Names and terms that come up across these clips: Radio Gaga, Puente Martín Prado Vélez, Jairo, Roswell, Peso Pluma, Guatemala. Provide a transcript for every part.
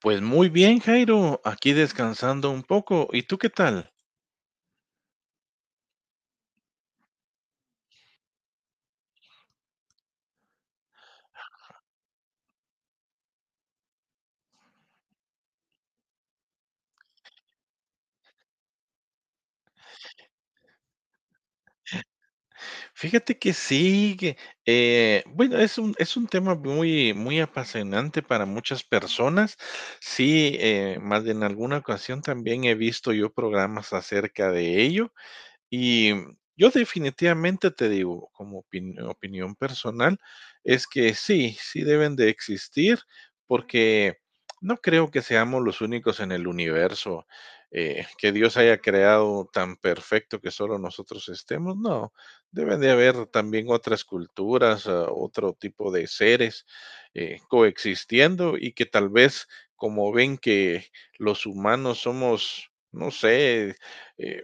Pues muy bien, Jairo, aquí descansando un poco. ¿Y tú qué tal? Fíjate que sí, que, bueno, es un tema muy apasionante para muchas personas. Sí, más de en alguna ocasión también he visto yo programas acerca de ello. Y yo definitivamente te digo, como opinión personal, es que sí, sí deben de existir, porque no creo que seamos los únicos en el universo que Dios haya creado tan perfecto que solo nosotros estemos. No, deben de haber también otras culturas, otro tipo de seres coexistiendo y que tal vez como ven que los humanos somos, no sé, eh,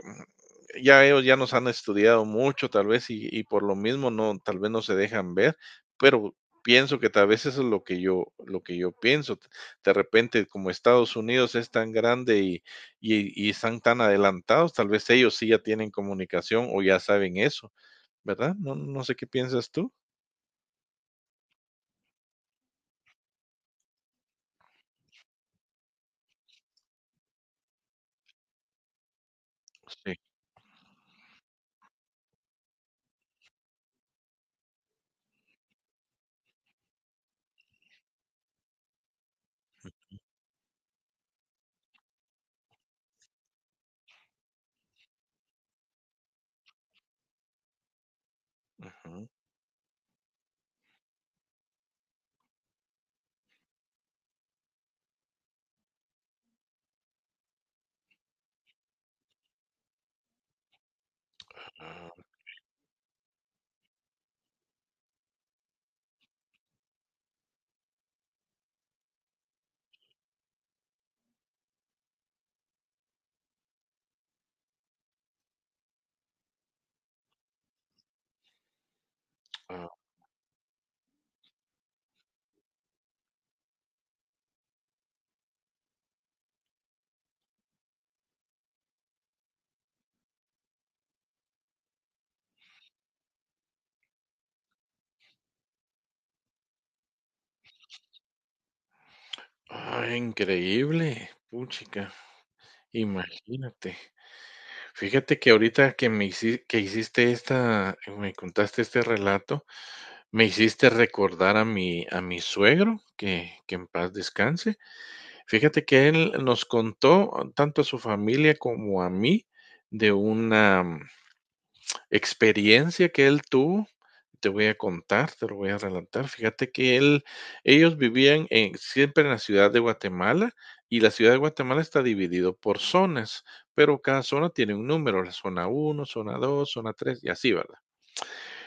ya ellos ya nos han estudiado mucho, tal vez, y por lo mismo no, tal vez no se dejan ver, pero pienso que tal vez eso es lo que yo pienso. De repente, como Estados Unidos es tan grande y están tan adelantados, tal vez ellos sí ya tienen comunicación o ya saben eso, ¿verdad? No, no sé qué piensas tú. Sí. Ujú. Ah, ah, ¡increíble, puchica, imagínate! Fíjate que ahorita que me hici que hiciste esta me contaste este relato, me hiciste recordar a mi suegro, que en paz descanse. Fíjate que él nos contó, tanto a su familia como a mí, de una experiencia que él tuvo, te voy a contar, te lo voy a relatar. Fíjate que él, ellos vivían en, siempre en la ciudad de Guatemala, y la ciudad de Guatemala está dividido por zonas, pero cada zona tiene un número, la zona uno, zona 2, zona 3, y así, ¿verdad?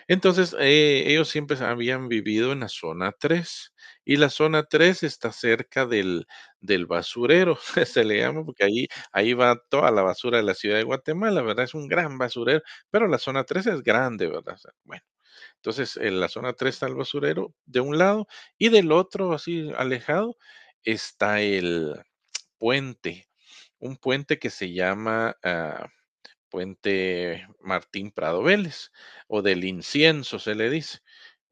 Entonces, ellos siempre habían vivido en la zona 3 y la zona 3 está cerca del basurero, se le llama, porque ahí va toda la basura de la ciudad de Guatemala, ¿verdad? Es un gran basurero, pero la zona 3 es grande, ¿verdad? O sea, bueno, entonces, en la zona 3 está el basurero de un lado y del otro, así alejado, está el puente, un puente que se llama, Puente Martín Prado Vélez, o del incienso se le dice.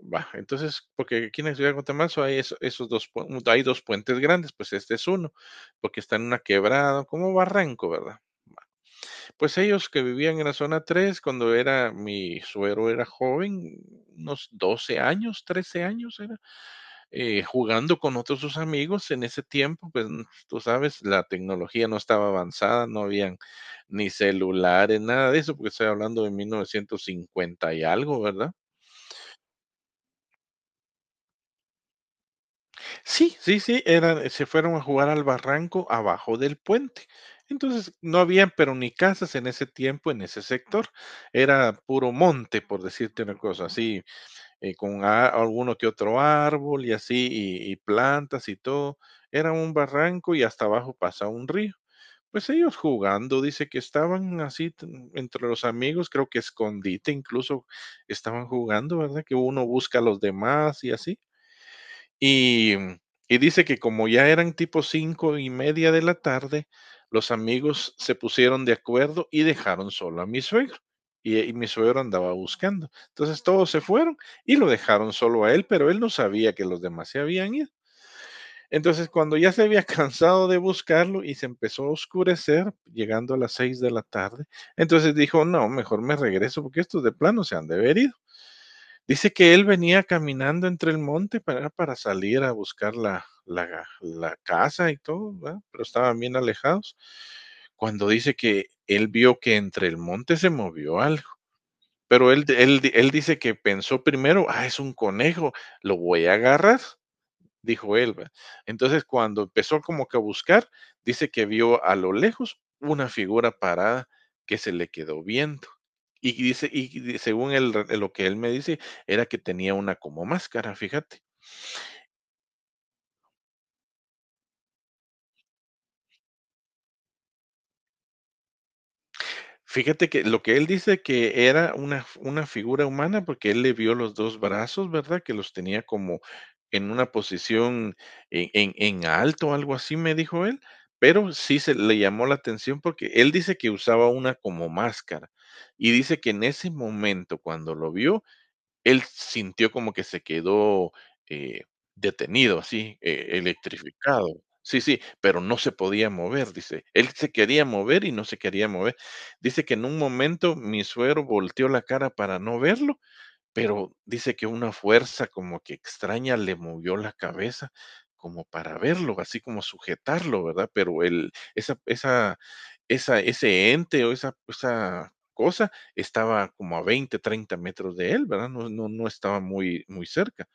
Va, entonces, porque aquí en la ciudad de Guatemala hay esos dos, hay dos puentes grandes, pues este es uno, porque está en una quebrada, como barranco, ¿verdad? Pues ellos que vivían en la zona 3 cuando era mi suegro era joven, unos 12 años, 13 años era, jugando con otros sus amigos en ese tiempo, pues tú sabes, la tecnología no estaba avanzada, no habían ni celulares, nada de eso, porque estoy hablando de 1950 y algo, ¿verdad? Sí, sí, sí, eran, se fueron a jugar al barranco abajo del puente. Entonces, no habían, pero ni casas en ese tiempo, en ese sector. Era puro monte, por decirte una cosa así, con alguno que otro árbol y así, y plantas y todo. Era un barranco y hasta abajo pasa un río. Pues ellos jugando, dice que estaban así entre los amigos, creo que escondite incluso estaban jugando, ¿verdad? Que uno busca a los demás y así. Y, y dice que como ya eran tipo 5:30 de la tarde, los amigos se pusieron de acuerdo y dejaron solo a mi suegro. Y mi suegro andaba buscando. Entonces todos se fueron y lo dejaron solo a él, pero él no sabía que los demás se habían ido. Entonces cuando ya se había cansado de buscarlo y se empezó a oscurecer, llegando a las 6 de la tarde, entonces dijo, no, mejor me regreso porque estos de plano se han de ver ido. Dice que él venía caminando entre el monte para salir a buscar la casa y todo, ¿verdad? Pero estaban bien alejados. Cuando dice que él vio que entre el monte se movió algo, pero él dice que pensó primero, ah, es un conejo, lo voy a agarrar, dijo él. Entonces, cuando empezó como que a buscar, dice que vio a lo lejos una figura parada que se le quedó viendo. Y dice, y según él, lo que él me dice, era que tenía una como máscara, fíjate. Fíjate que lo que él dice que era una figura humana, porque él le vio los 2 brazos, ¿verdad? Que los tenía como en una posición en alto, algo así, me dijo él, pero sí se le llamó la atención porque él dice que usaba una como máscara, y dice que en ese momento, cuando lo vio, él sintió como que se quedó, eh, detenido, así, electrificado. Sí, sí, pero no se podía mover, dice. Él se quería mover y no se quería mover. Dice que en un momento mi suegro volteó la cara para no verlo, pero dice que una fuerza como que extraña le movió la cabeza como para verlo, así como sujetarlo, ¿verdad? Pero el, ese ente o esa cosa estaba como a 20 o 30 metros de él, ¿verdad? No, no, no estaba muy, muy cerca.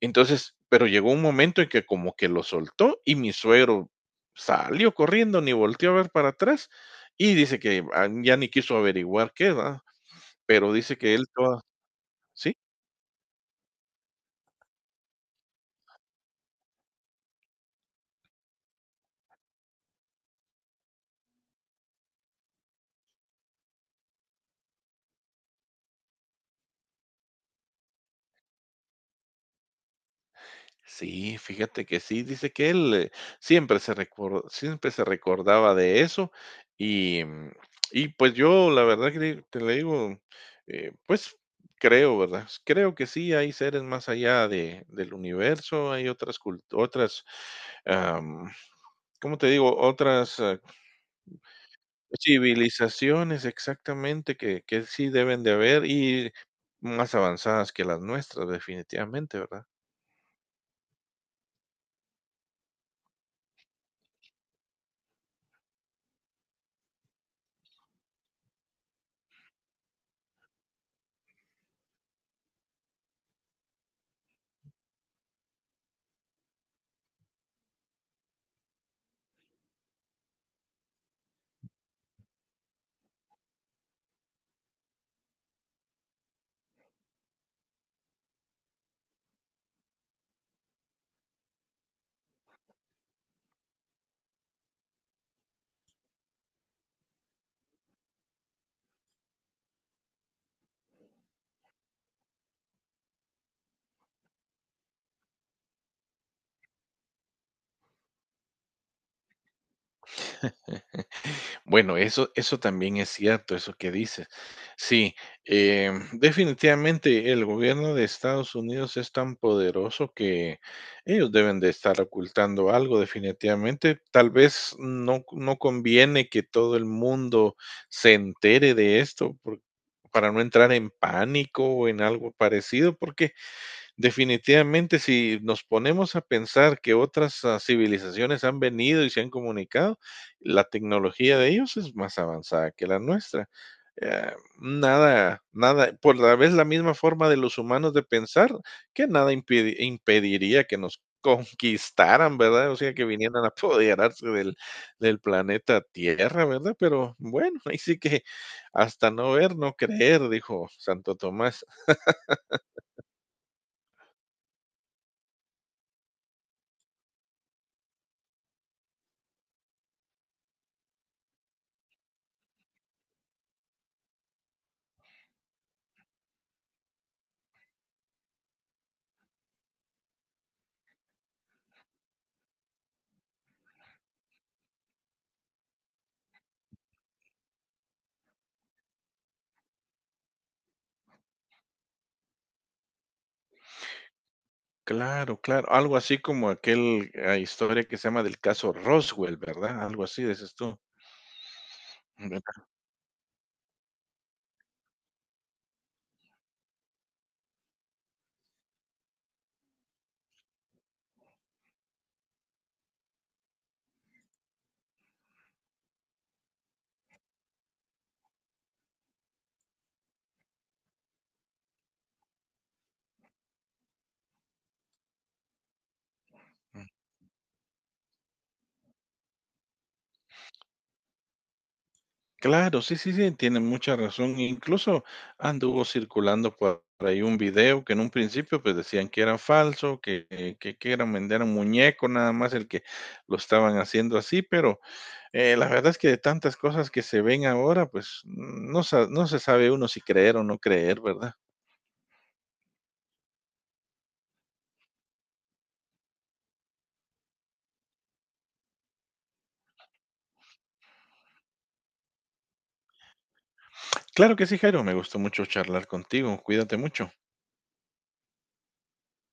Entonces, pero llegó un momento en que como que lo soltó y mi suegro salió corriendo, ni volteó a ver para atrás, y dice que ah, ya ni quiso averiguar qué, ¿verdad? Pero dice que él toda, ¿sí? Sí, fíjate que sí, dice que él, siempre se recordaba de eso y, y pues yo la verdad que di te le digo, pues creo, ¿verdad? Pues creo que sí hay seres más allá de del universo, hay otras culturas, otras, am, ¿cómo te digo? Otras civilizaciones, exactamente, que sí deben de haber y más avanzadas que las nuestras, definitivamente, ¿verdad? Bueno, eso también es cierto, eso que dices. Sí, definitivamente el gobierno de Estados Unidos es tan poderoso que ellos deben de estar ocultando algo, definitivamente. Tal vez no conviene que todo el mundo se entere de esto por para no entrar en pánico o en algo parecido, porque definitivamente, si nos ponemos a pensar que otras civilizaciones han venido y se han comunicado, la tecnología de ellos es más avanzada que la nuestra. Eh, nada, nada, por la vez la misma forma de los humanos de pensar, que nada impediría que nos conquistaran, ¿verdad? O sea, que vinieran a apoderarse del, planeta Tierra, ¿verdad? Pero bueno, ahí sí que hasta no ver, no creer, dijo Santo Tomás. Claro, claro, algo así como aquel, historia que se llama del caso Roswell, ¿verdad? Algo así, dices tú, ¿verdad? Mm. Claro, sí, sí, sí, tiene mucha razón. Incluso anduvo circulando por ahí un video que en un principio, pues, decían que era falso, que que era vender un muñeco, nada más el que lo estaban haciendo así, pero, la verdad es que de tantas cosas que se ven ahora, pues, no se sabe uno si creer o no creer, ¿verdad? Claro que sí, Jairo, me gustó mucho charlar contigo, cuídate mucho.